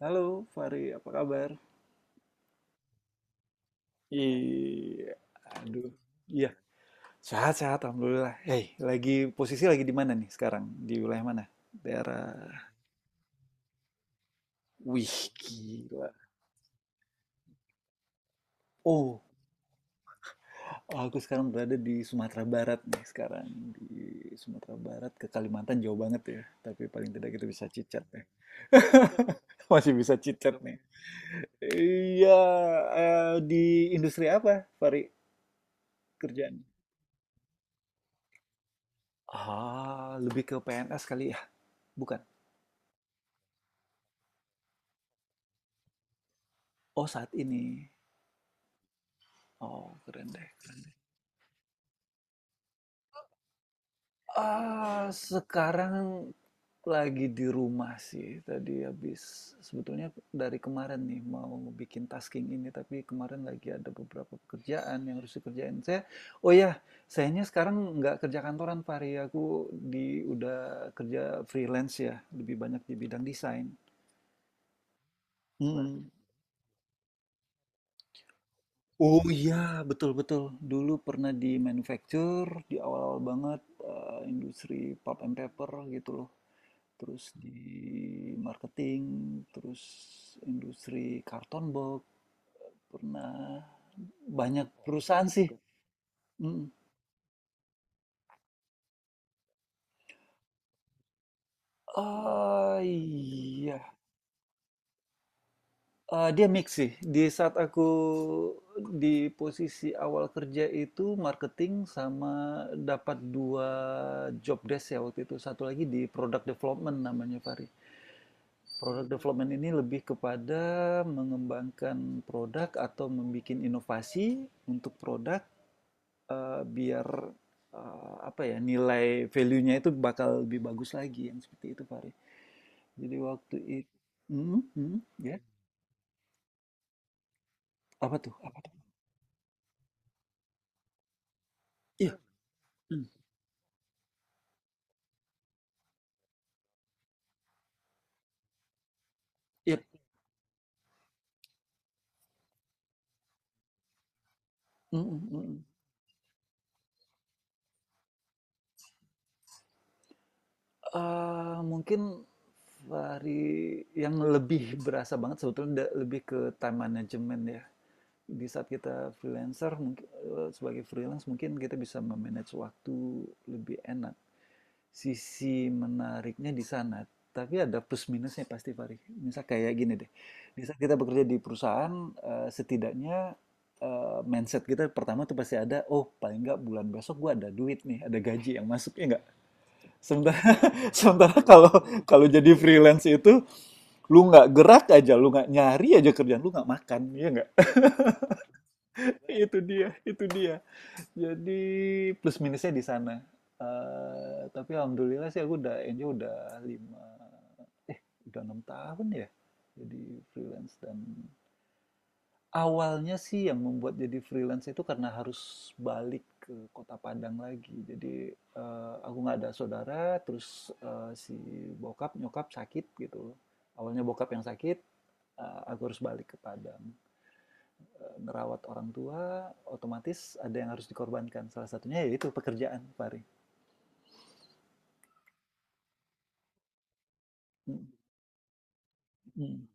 Halo Fari, apa kabar? Iya, aduh, iya, sehat-sehat, alhamdulillah. Hei, posisi lagi di mana nih sekarang? Di wilayah mana? Daerah. Wih, gila. Oh, aku sekarang berada di Sumatera Barat nih sekarang di Sumatera Barat ke Kalimantan jauh banget ya, tapi paling tidak kita bisa cicat ya. Masih bisa cicat nih. Iya, di industri apa, Fari, kerjaan? Ah, lebih ke PNS kali ya? Bukan. Oh, saat ini. Oh, keren deh, keren deh. Sekarang lagi di rumah sih. Tadi habis sebetulnya dari kemarin nih mau bikin tasking ini, tapi kemarin lagi ada beberapa pekerjaan yang harus dikerjain. Oh ya, Sayangnya sekarang nggak kerja kantoran, Fahri. Aku di udah kerja freelance ya, lebih banyak di bidang desain. Hmm. Oh iya, betul-betul. Dulu pernah di manufacture, di awal-awal banget, industri pulp and paper gitu loh. Terus di marketing, terus industri karton box, pernah banyak perusahaan sih. Mm. Ah iya, dia mix sih. Di saat aku di posisi awal kerja itu marketing sama dapat 2 job desk ya waktu itu. Satu lagi di product development namanya, Fahri. Product development ini lebih kepada mengembangkan produk atau membuat inovasi untuk produk, eee, biar, apa ya, nilai value-nya itu bakal lebih bagus lagi, yang seperti itu, Fahri. Jadi waktu itu, mhm mhm, iya? Apa tuh apa tuh? Iya, mmm, iya. Mhm mhm. Mungkin dari yang lebih berasa banget sebetulnya da lebih ke time management ya. Di saat kita freelancer sebagai freelance mungkin kita bisa me-manage waktu lebih enak. Sisi menariknya di sana, tapi ada plus minusnya pasti Fahri. Misal kayak gini deh, di saat kita bekerja di perusahaan, setidaknya, mindset kita pertama tuh pasti ada, "Oh, paling nggak bulan besok gue ada duit nih, ada gaji yang masuk." Ya nggak? Sementara, sementara kalau kalau jadi freelance itu lu nggak gerak aja, lu nggak nyari aja kerjaan, lu nggak makan, ya nggak? Itu dia, itu dia. Jadi plus minusnya di sana. Eh, tapi alhamdulillah sih aku udah enjoy udah lima, eh udah 6 tahun ya jadi freelance dan awalnya sih yang membuat jadi freelance itu karena harus balik ke Kota Padang lagi. Jadi, aku nggak ada saudara, terus, si bokap, nyokap sakit gitu. Awalnya bokap yang sakit, aku harus balik ke Padang. Ngerawat orang tua, otomatis ada yang harus dikorbankan. Salah satunya yaitu pekerjaan, Fahri. Mhm mhm.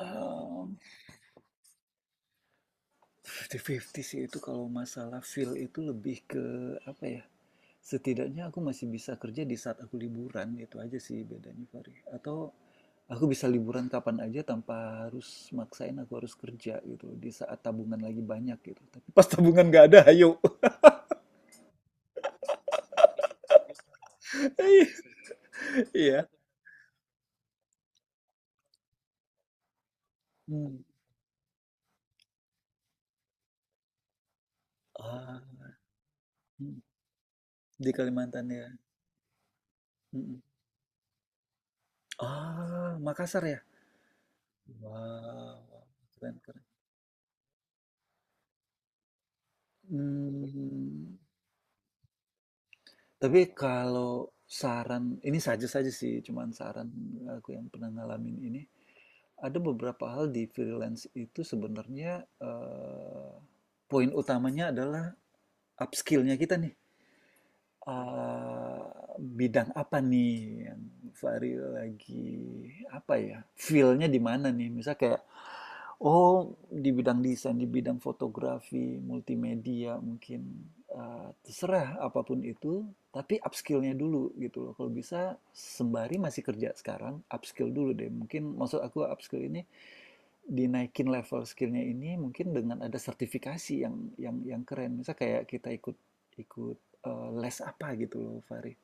Mmm, fifty-fifty sih itu kalau masalah feel itu lebih ke apa ya, setidaknya aku masih bisa kerja di saat aku liburan, itu aja sih bedanya, Fahri. Atau aku bisa liburan kapan aja tanpa harus maksain aku harus kerja gitu di saat tabungan lagi banyak gitu. Tapi pas tabungan nggak ada, ayo. Iya. Hmm. Ah, hmm. Di Kalimantan ya. Mm-mm. Ah, Makassar ya. Wow, keren keren. Hmm, tapi kalau saran, ini saja saja sih, cuman saran aku yang pernah ngalamin ini. Ada beberapa hal di freelance itu sebenarnya, poin utamanya adalah upskill-nya kita nih. Eh, bidang apa nih yang Fahri lagi apa ya? Feel-nya di mana nih? Misal kayak oh di bidang desain, di bidang fotografi, multimedia mungkin terserah apapun itu, tapi upskill-nya dulu gitu loh. Kalau bisa sembari masih kerja sekarang, upskill dulu deh. Mungkin maksud aku upskill ini dinaikin level skillnya ini mungkin dengan ada sertifikasi yang keren. Misal kayak kita ikut ikut eh, les apa gitu loh, Fahri.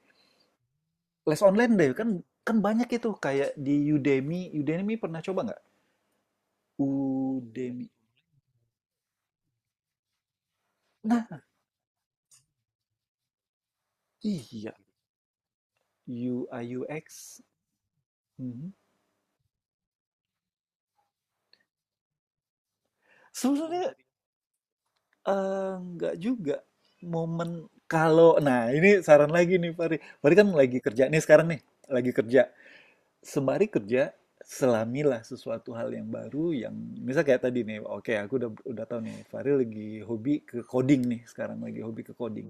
Les online deh, kan kan banyak itu kayak di Udemy. Udemy pernah coba nggak? Udemy. Nah, iya. U UI UX. Mhm. Sebenarnya eh, nggak juga momen kalau nah ini saran lagi nih Fahri. Fahri kan lagi kerja nih sekarang nih, lagi kerja. Sembari kerja, selamilah sesuatu hal yang baru yang misal kayak tadi nih, okay, aku udah tahu nih Fahri lagi hobi ke coding nih sekarang lagi hobi ke coding.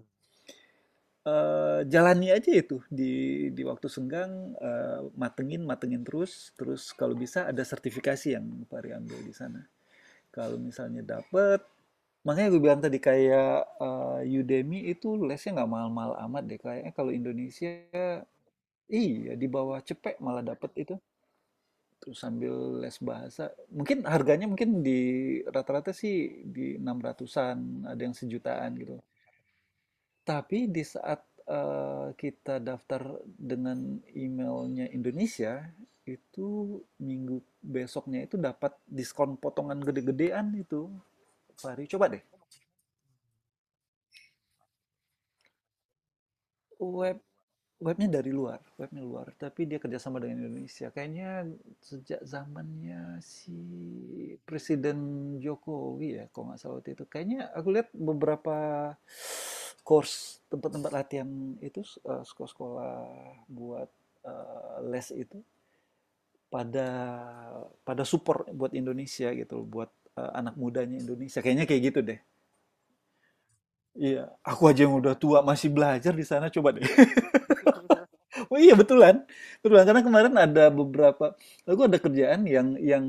Eh jalani aja itu di waktu senggang eh, matengin matengin terus terus kalau bisa ada sertifikasi yang Fahri ambil di sana. Kalau misalnya dapet makanya gue bilang tadi kayak eh, Udemy itu lesnya nggak mahal-mahal amat deh kayaknya kalau Indonesia iya di bawah cepek malah dapet itu terus sambil les bahasa, mungkin harganya mungkin di rata-rata sih di 600-an ada yang sejutaan gitu. Tapi di saat kita daftar dengan emailnya Indonesia, itu minggu besoknya itu dapat diskon potongan gede-gedean itu. Fahri, coba deh. Web Webnya dari luar, webnya luar, tapi dia kerjasama dengan Indonesia. Kayaknya sejak zamannya si Presiden Jokowi ya, kalau nggak salah waktu itu. Kayaknya aku lihat beberapa course tempat-tempat latihan itu eh, sekolah-sekolah buat eh, les itu pada pada support buat Indonesia gitu, buat eh, anak mudanya Indonesia. Kayaknya kayak gitu deh. Iya, aku aja yang udah tua masih belajar di sana coba deh. Oh iya betulan, betulan karena kemarin ada beberapa, aku ada kerjaan yang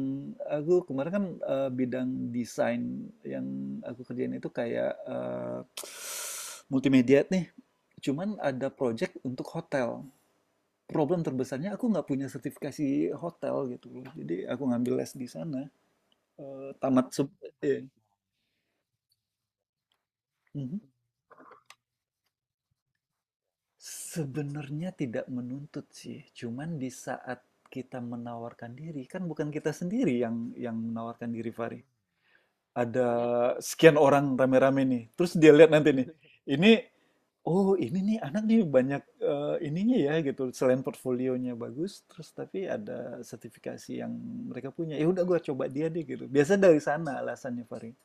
aku kemarin kan eh, bidang desain yang aku kerjain itu kayak eh, multimedia nih, cuman ada project untuk hotel. Problem terbesarnya aku nggak punya sertifikasi hotel gitu loh, jadi aku ngambil les di sana. Eh, tamat se- iya. Mhm. Sebenarnya tidak menuntut sih, cuman di saat kita menawarkan diri, kan bukan kita sendiri yang menawarkan diri, Fahri. Ada sekian orang rame-rame nih, terus dia lihat nanti nih, ini, oh ini nih anak nih banyak eh, ininya ya gitu, selain portfolionya bagus, terus tapi ada sertifikasi yang mereka punya. Ya udah gua coba dia deh gitu. Biasa dari sana alasannya, Fahri.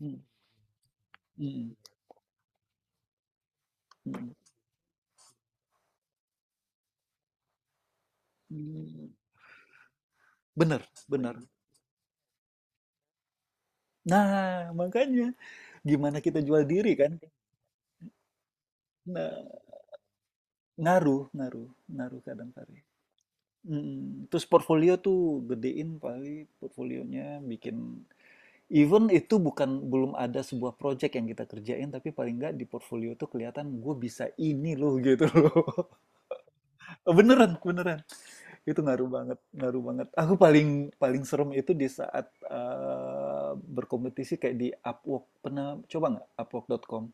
Hmm, hmm, hmm, hmm. Bener, bener. Nah, makanya gimana kita jual diri kan? Nah, ngaruh, ngaruh, ngaruh kadang kali. Mm, terus portfolio tuh gedein paling portfolionya bikin even itu bukan belum ada sebuah project yang kita kerjain tapi paling nggak di portfolio tuh kelihatan gue bisa ini loh gitu loh. Beneran, beneran. Itu ngaruh banget, ngaruh banget. Aku paling paling serem itu di saat berkompetisi kayak di Upwork. Pernah coba nggak Upwork.com?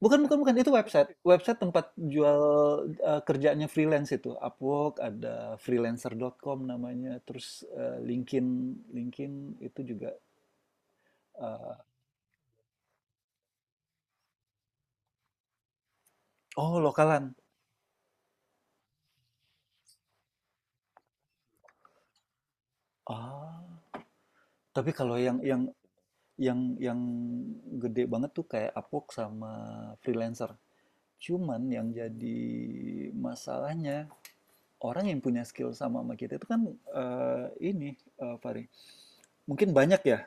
Bukan bukan bukan, itu website. Website tempat jual kerjaannya freelance itu. Upwork, ada freelancer.com namanya, terus, LinkedIn LinkedIn itu juga, eee oh, Lokalan. Ah tapi kalau yang yang gede banget tuh kayak Upwork sama freelancer. Cuman yang jadi masalahnya, orang yang punya skill sama sama kita itu kan, eee, ini, Fahri, mungkin banyak ya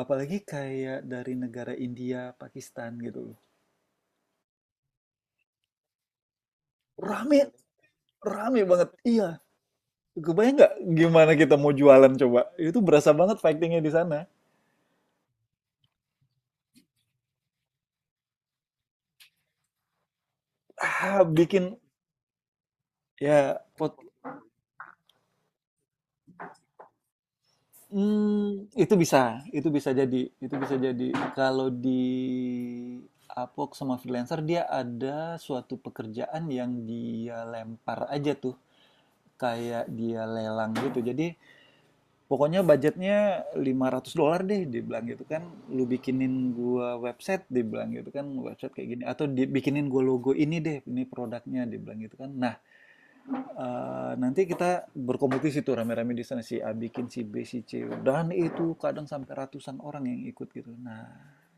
apalagi kayak dari negara India, Pakistan gitu loh. Rame, rame banget. Iya. Kebayang nggak gimana kita mau jualan coba? Itu berasa banget fightingnya di sana. Ah, bikin ya pot. Hmm, itu bisa jadi, itu bisa jadi. Kalau di Upwork sama freelancer dia ada suatu pekerjaan yang dia lempar aja tuh, kayak dia lelang gitu. Jadi pokoknya budgetnya 500 dolar deh, dia bilang gitu kan. Lu bikinin gua website, dia bilang gitu kan. Website kayak gini. Atau bikinin gua logo ini deh, ini produknya, dia bilang gitu kan. Nah, nanti kita berkompetisi tuh rame-rame di sana. Si A bikin, si B, si C. Dan itu kadang sampai ratusan orang yang ikut gitu. Nah,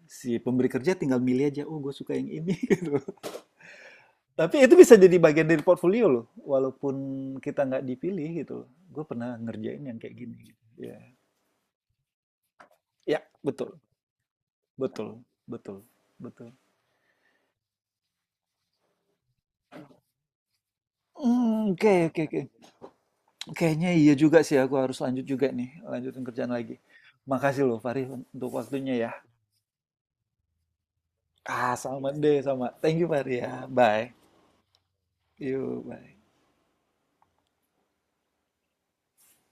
si pemberi kerja tinggal milih aja, oh gue suka yang ini gitu. Tapi itu bisa jadi bagian dari portfolio loh, walaupun kita nggak dipilih gitu. Gue pernah ngerjain yang kayak gini. Gitu. Ya, ya betul. Betul, betul, betul. Mmm, oke oke oke. Kayaknya iya juga sih aku harus lanjut juga nih, lanjutin kerjaan lagi. Makasih loh Fahri untuk waktunya ya. Ah, sama deh, sama. Thank you Fahri ya. Bye. Yuk, bye.